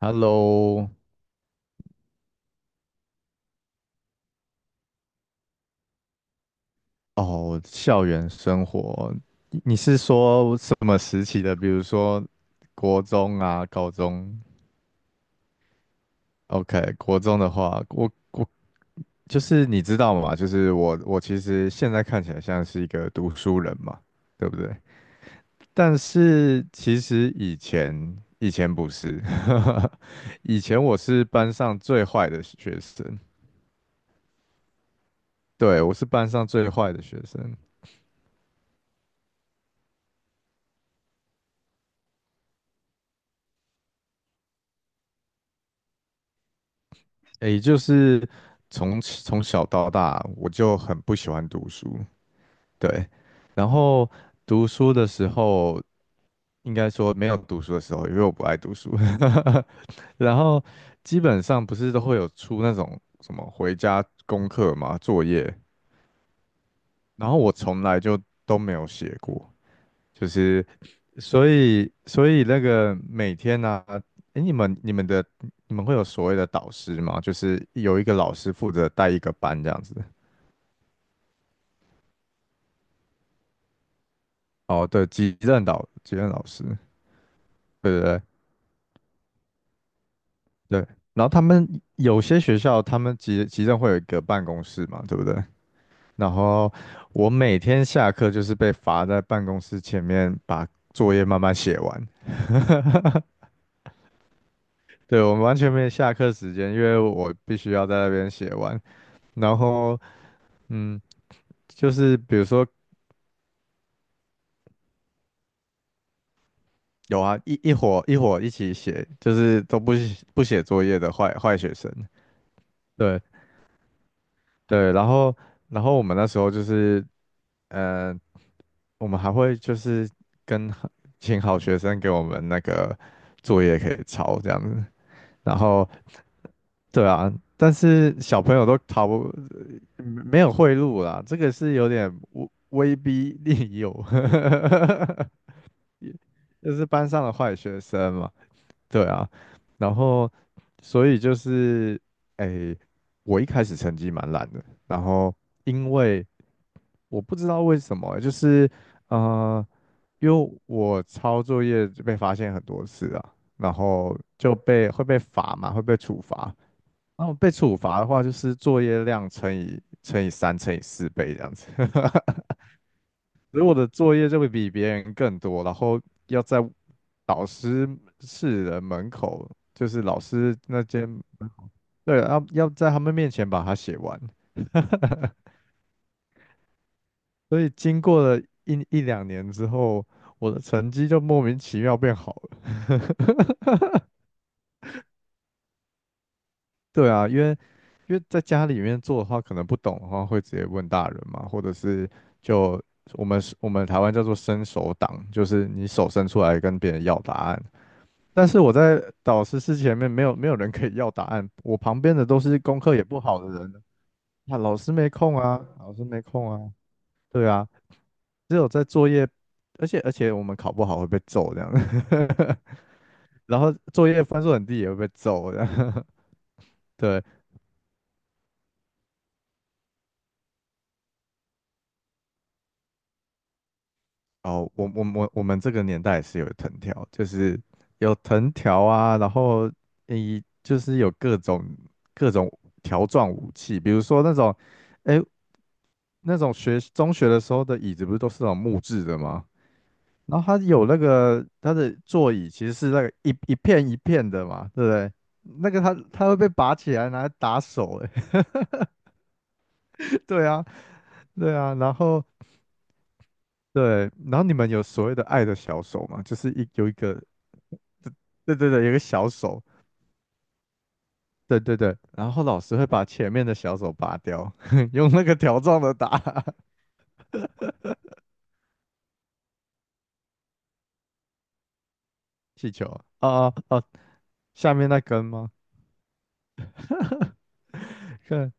Hello，哦，校园生活，你是说什么时期的？比如说国中啊、高中？OK，国中的话，我就是你知道嘛，就是我其实现在看起来像是一个读书人嘛，对不对？但是其实以前不是，以前我是班上最坏的学生，对，我是班上最坏的学生，诶，就是从小到大，我就很不喜欢读书，对。然后读书的时候，应该说没有读书的时候，因为我不爱读书。然后基本上不是都会有出那种什么回家功课嘛，作业，然后我从来就都没有写过，就是，所以那个每天呢、啊，哎，你们会有所谓的导师吗？就是有一个老师负责带一个班这样子。哦，对，级任老师，对对对对。然后他们有些学校他们级任会有一个办公室嘛，对不对？然后我每天下课就是被罚在办公室前面把作业慢慢写完。对，我们完全没有下课时间，因为我必须要在那边写完。然后，嗯。就是比如说有啊，一伙一起写，就是都不写作业的坏学生。对对，然后我们那时候就是，呃，我们还会就是跟好请好学生给我们那个作业可以抄这样子，然后对啊，但是小朋友都逃不，没有贿赂啦，这个是有点威逼利诱，就是班上的坏学生嘛。对啊，然后所以就是，诶，我一开始成绩蛮烂的，然后因为我不知道为什么欸，就是呃，因为我抄作业就被发现很多次啊，然后会被罚嘛，会被处罚。然后被处罚的话，就是作业量乘以三乘以四倍这样子。所以我的作业就会比别人更多，然后要在老师室的门口，就是老师那间，对，要在他们面前把它写完。所以经过了一两年之后，我的成绩就莫名其妙变好了。对啊，因为在家里面做的话，可能不懂的话会直接问大人嘛，或者是就我们台湾叫做伸手党，就是你手伸出来跟别人要答案。但是我在导师室前面没有人可以要答案，我旁边的都是功课也不好的人，那老师没空啊，老师没空啊，对啊，只有在作业，而且我们考不好会被揍这样，然后作业分数很低也会被揍这样，对，哦，我们这个年代也是有藤条，就是有藤条啊，然后你就是有各种条状武器，比如说那种。哎，那种中学的时候的椅子不是都是那种木质的吗？然后它有那个它的座椅其实是那个一片一片的嘛，对不对？那个它会被拔起来拿来打手、欸，对啊，对啊，然后对，然后你们有所谓的爱的小手嘛，就是有一个，对对对，有一个小手，对对对，然后老师会把前面的小手拔掉，用那个条状的打 气球，啊哦哦，下面那根吗？对。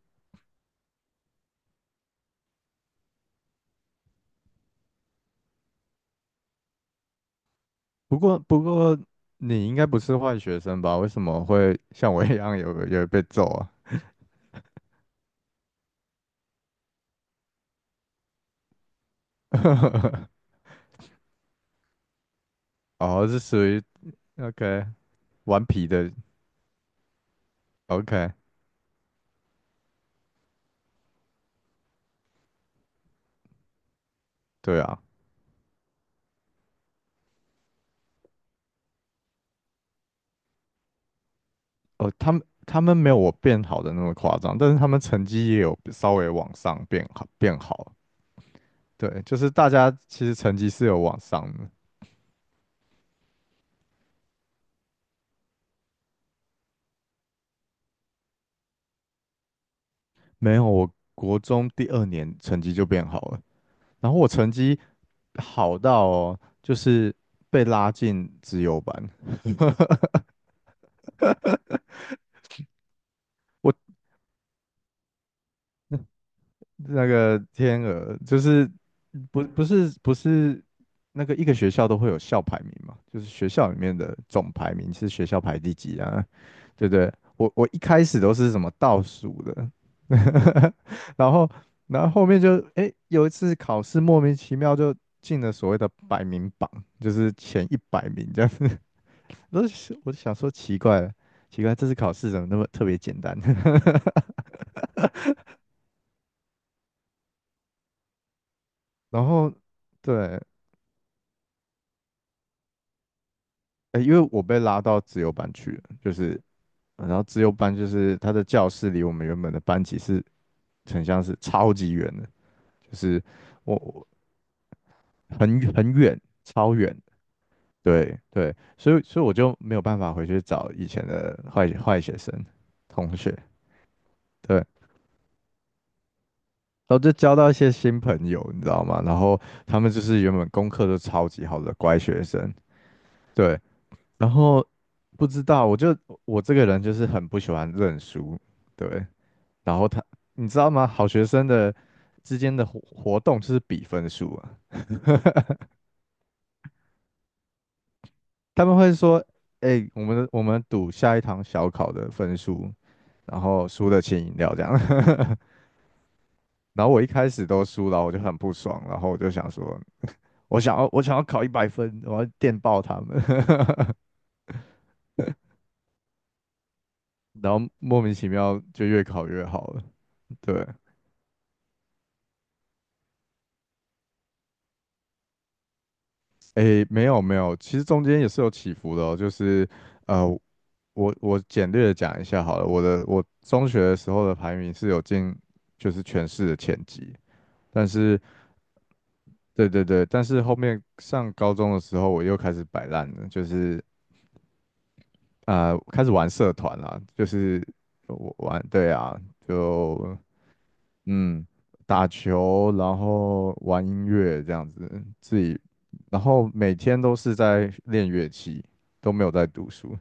不过你应该不是坏学生吧？为什么会像我一样有被揍啊？哦，是属于 OK 顽皮的 OK，对啊，哦，他们没有我变好的那么夸张，但是他们成绩也有稍微往上变好变好，对，就是大家其实成绩是有往上的，没有我国中第二年成绩就变好了，然后我成绩好到哦，就是被拉进资优班，我。那个天鹅就是不是那个一个学校都会有校排名嘛，就是学校里面的总排名是学校排第几啊，对不对？我一开始都是什么倒数的，然后然后后面就诶有一次考试莫名其妙就进了所谓的百名榜，就是前100名这样子，我就我就想说奇怪了，奇怪这次考试怎么那么特别简单？然后对，哎，因为我被拉到自由班去了，就是然后自由班就是他的教室离我们原本的班级是很像是超级远的，就是我很远，超远。对对，所以我就没有办法回去找以前的坏学生同学，对，然后就交到一些新朋友，你知道吗？然后他们就是原本功课都超级好的乖学生，对，然后不知道，我这个人就是很不喜欢认输，对，然后他，你知道吗？好学生之间的活动就是比分数啊，他们会说，哎、我们赌下一堂小考的分数，然后输的请饮料这样。然后我一开始都输了，我就很不爽，然后我就想说，我想要考100分，我要电爆他们，然后莫名其妙就越考越好了，对。诶，没有没有，其实中间也是有起伏的哦。就是呃，我简略的讲一下好了。我中学的时候的排名是有进就是全市的前几，但是对对对，但是后面上高中的时候我又开始摆烂了，就是啊，开始玩社团啦，就是我玩对啊，就嗯，打球，然后玩音乐这样子，自己，然后每天都是在练乐器，都没有在读书，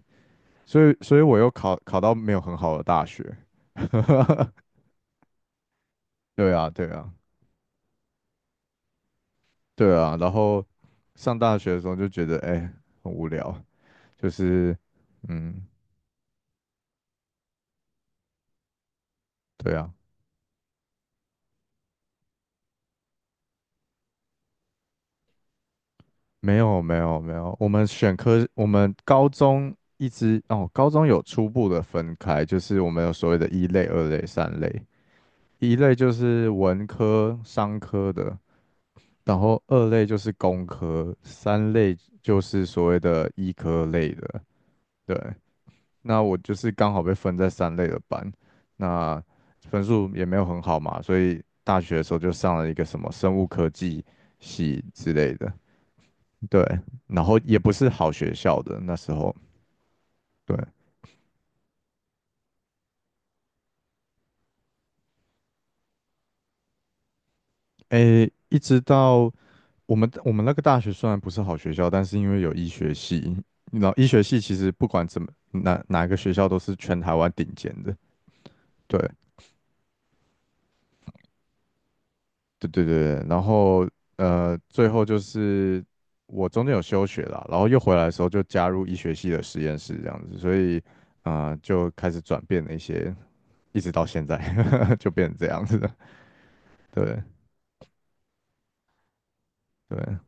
所以，所以我又考到没有很好的大学，对啊，对啊，对啊，然后上大学的时候就觉得，哎、很无聊，就是，嗯，对啊，没有，没有，没有，我们选科，我们高中一直，哦，高中有初步的分开，就是我们有所谓的一类、二类、三类。一类就是文科、商科的，然后二类就是工科，三类就是所谓的医科类的。对，那我就是刚好被分在三类的班，那分数也没有很好嘛，所以大学的时候就上了一个什么生物科技系之类的。对，然后也不是好学校的那时候。对，诶，一直到我们那个大学虽然不是好学校，但是因为有医学系，你知道医学系其实不管怎么哪个学校都是全台湾顶尖的。对对对对，对然后最后就是我中间有休学了，然后又回来的时候就加入医学系的实验室这样子，所以啊、就开始转变了一些，一直到现在 就变成这样子的。对对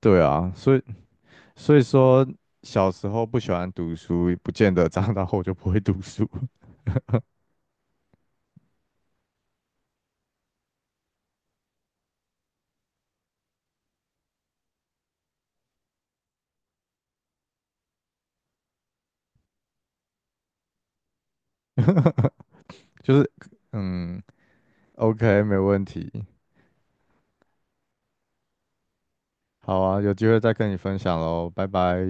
对啊，所以说小时候不喜欢读书，不见得长大后就不会读书。就是嗯，OK，没问题。好啊，有机会再跟你分享喽，拜拜。